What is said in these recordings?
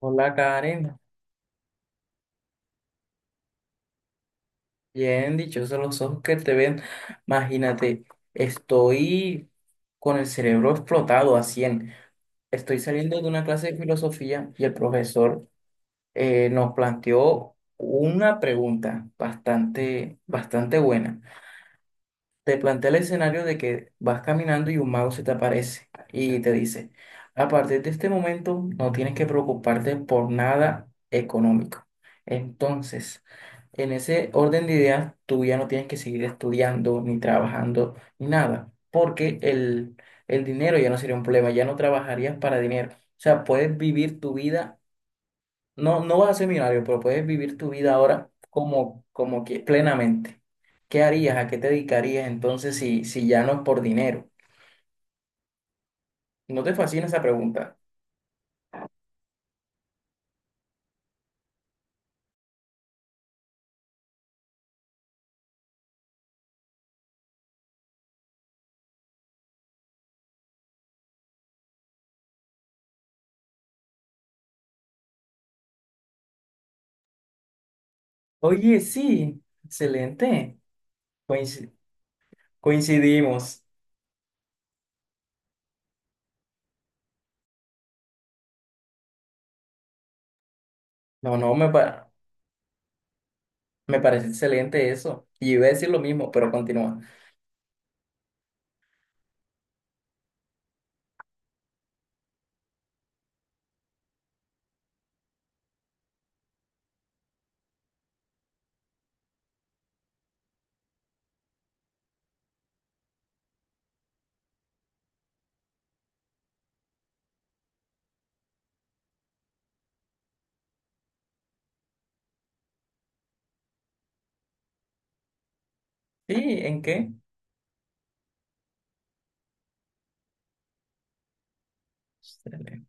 Hola Karen, bien dichosos los ojos que te ven. Imagínate, estoy con el cerebro explotado a 100. Estoy saliendo de una clase de filosofía y el profesor nos planteó una pregunta bastante buena. Te plantea el escenario de que vas caminando y un mago se te aparece y te dice, a partir de este momento no tienes que preocuparte por nada económico. Entonces, en ese orden de ideas, tú ya no tienes que seguir estudiando ni trabajando ni nada, porque el dinero ya no sería un problema, ya no trabajarías para dinero. O sea, puedes vivir tu vida no, no vas a ser millonario, pero puedes vivir tu vida ahora como que plenamente. ¿Qué harías? ¿A qué te dedicarías entonces si ya no es por dinero? ¿No te fascina esa pregunta? Oye, sí, excelente. Coinci- Coincidimos. No, no, me, pa- Me parece excelente eso. Y iba a decir lo mismo, pero continúa. Sí, ¿en qué? Excelente.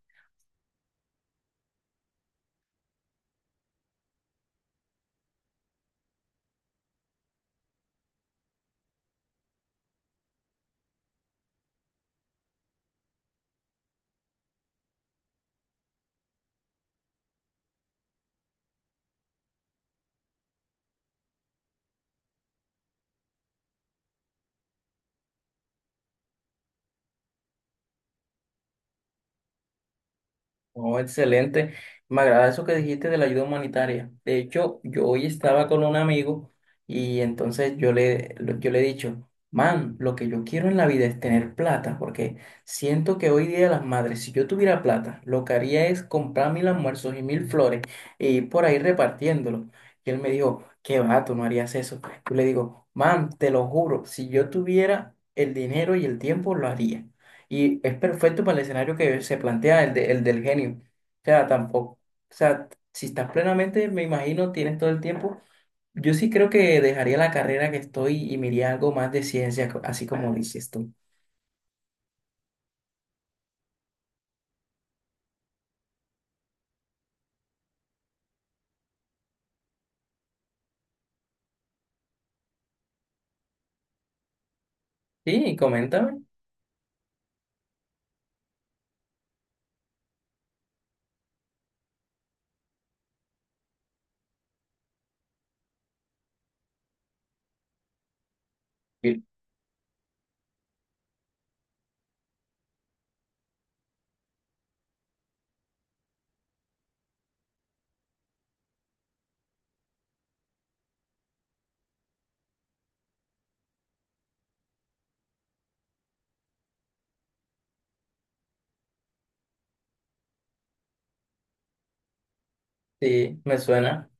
Oh, excelente. Me agrada eso que dijiste de la ayuda humanitaria. De hecho, yo hoy estaba con un amigo y entonces yo le he dicho, man, lo que yo quiero en la vida es tener plata, porque siento que hoy día las madres, si yo tuviera plata, lo que haría es comprar mil almuerzos y mil flores e ir por ahí repartiéndolo. Y él me dijo, qué va, tú no harías eso. Yo le digo, man, te lo juro, si yo tuviera el dinero y el tiempo, lo haría. Y es perfecto para el escenario que se plantea, el del genio. O sea, tampoco. O sea, si estás plenamente, me imagino, tienes todo el tiempo. Yo sí creo que dejaría la carrera que estoy y me iría a algo más de ciencia, así como dices tú. Sí, coméntame. Sí. Sí, me suena.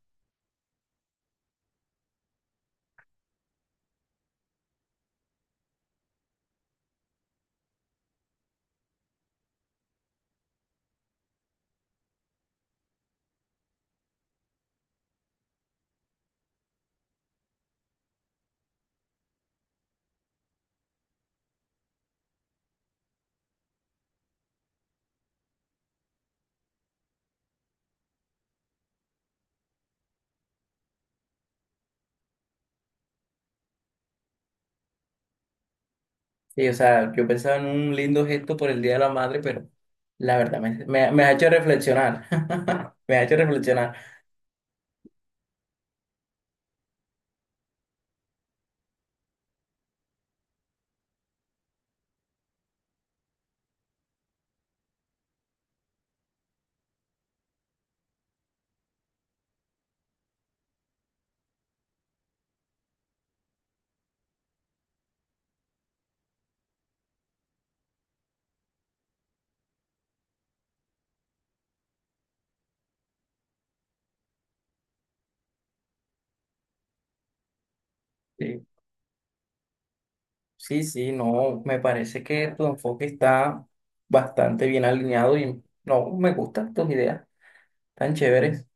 Sí, o sea, yo pensaba en un lindo gesto por el Día de la Madre, pero la verdad me ha hecho reflexionar. Me ha hecho reflexionar. Sí, sí, no, me parece que tu enfoque está bastante bien alineado y no, me gustan tus ideas tan chéveres.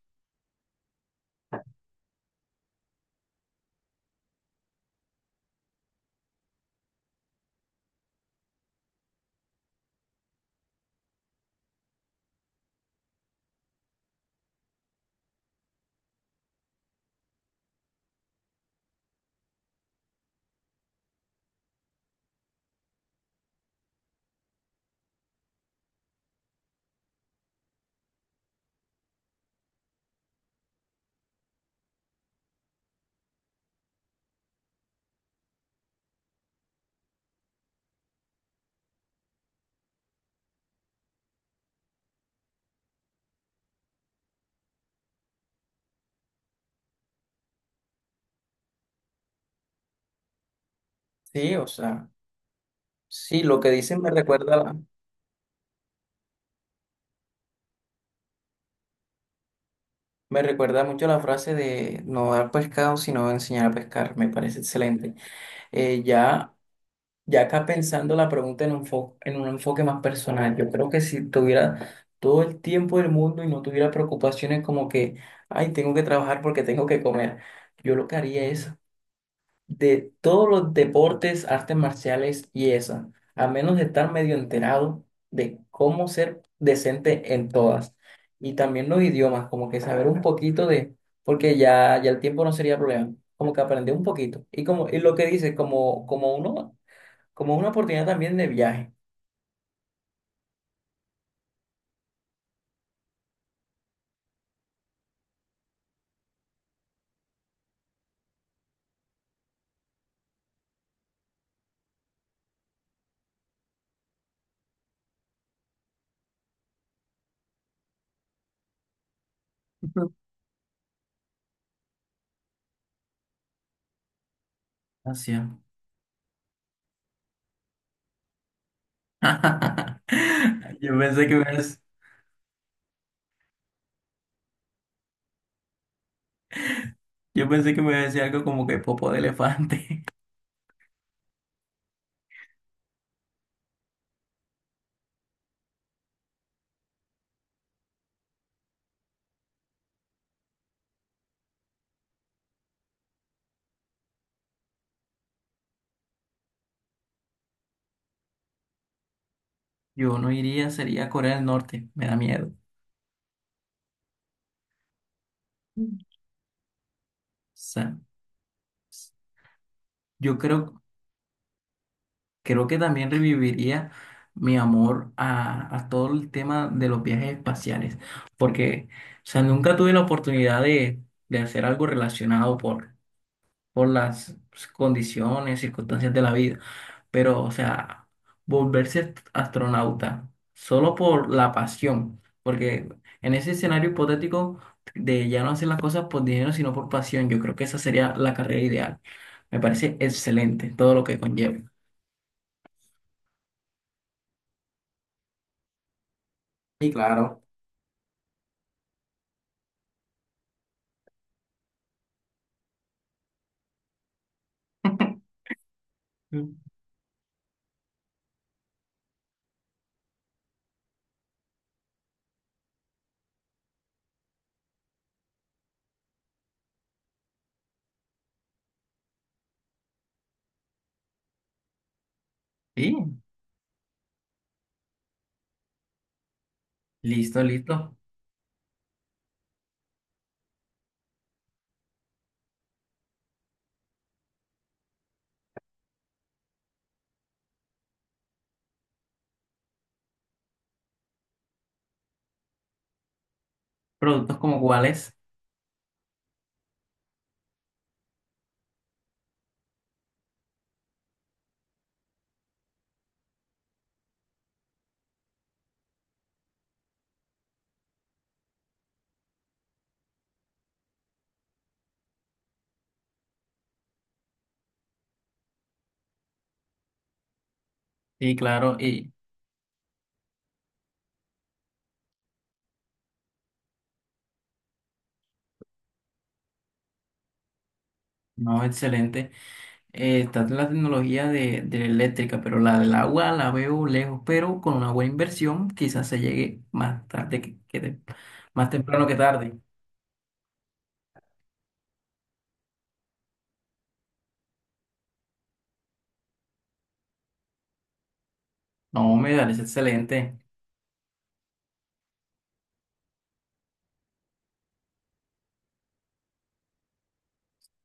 Sí, o sea, sí, lo que dicen me me recuerda mucho la frase de no dar pescado, sino enseñar a pescar, me parece excelente. Eh, ya, ya acá pensando la pregunta en un en un enfoque más personal, yo creo que si tuviera todo el tiempo del mundo y no tuviera preocupaciones como que, ay, tengo que trabajar porque tengo que comer, yo lo que haría es de todos los deportes, artes marciales y eso, a menos de estar medio enterado de cómo ser decente en todas. Y también los idiomas, como que saber un poquito de, porque ya el tiempo no sería problema, como que aprender un poquito. Y como, y lo que dice, como, como uno, como una oportunidad también de viaje. Gracias. Yo pensé que me, ibas- yo pensé que me iba a decir algo como que popo de elefante. Yo no iría, sería a Corea del Norte, me da miedo. Sea, yo creo, creo que también reviviría mi amor a todo el tema de los viajes espaciales, porque, o sea, nunca tuve la oportunidad de hacer algo relacionado por las pues, condiciones, circunstancias de la vida. Pero, o sea, volverse astronauta solo por la pasión, porque en ese escenario hipotético de ya no hacer las cosas por dinero, sino por pasión, yo creo que esa sería la carrera ideal. Me parece excelente todo lo que conlleva. Y claro. Mm. Sí, listo, listo. Productos como cuáles, sí, claro, y no, excelente. Está la tecnología de la eléctrica, pero la del agua la veo lejos, pero con una buena inversión quizás se llegue más tarde más temprano que tarde. No, me parece excelente,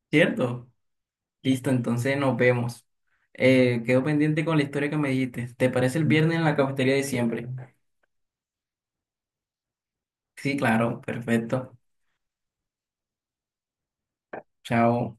¿cierto? Listo, entonces nos vemos. Quedo pendiente con la historia que me dijiste. ¿Te parece el viernes en la cafetería de siempre? Sí, claro, perfecto. Chao.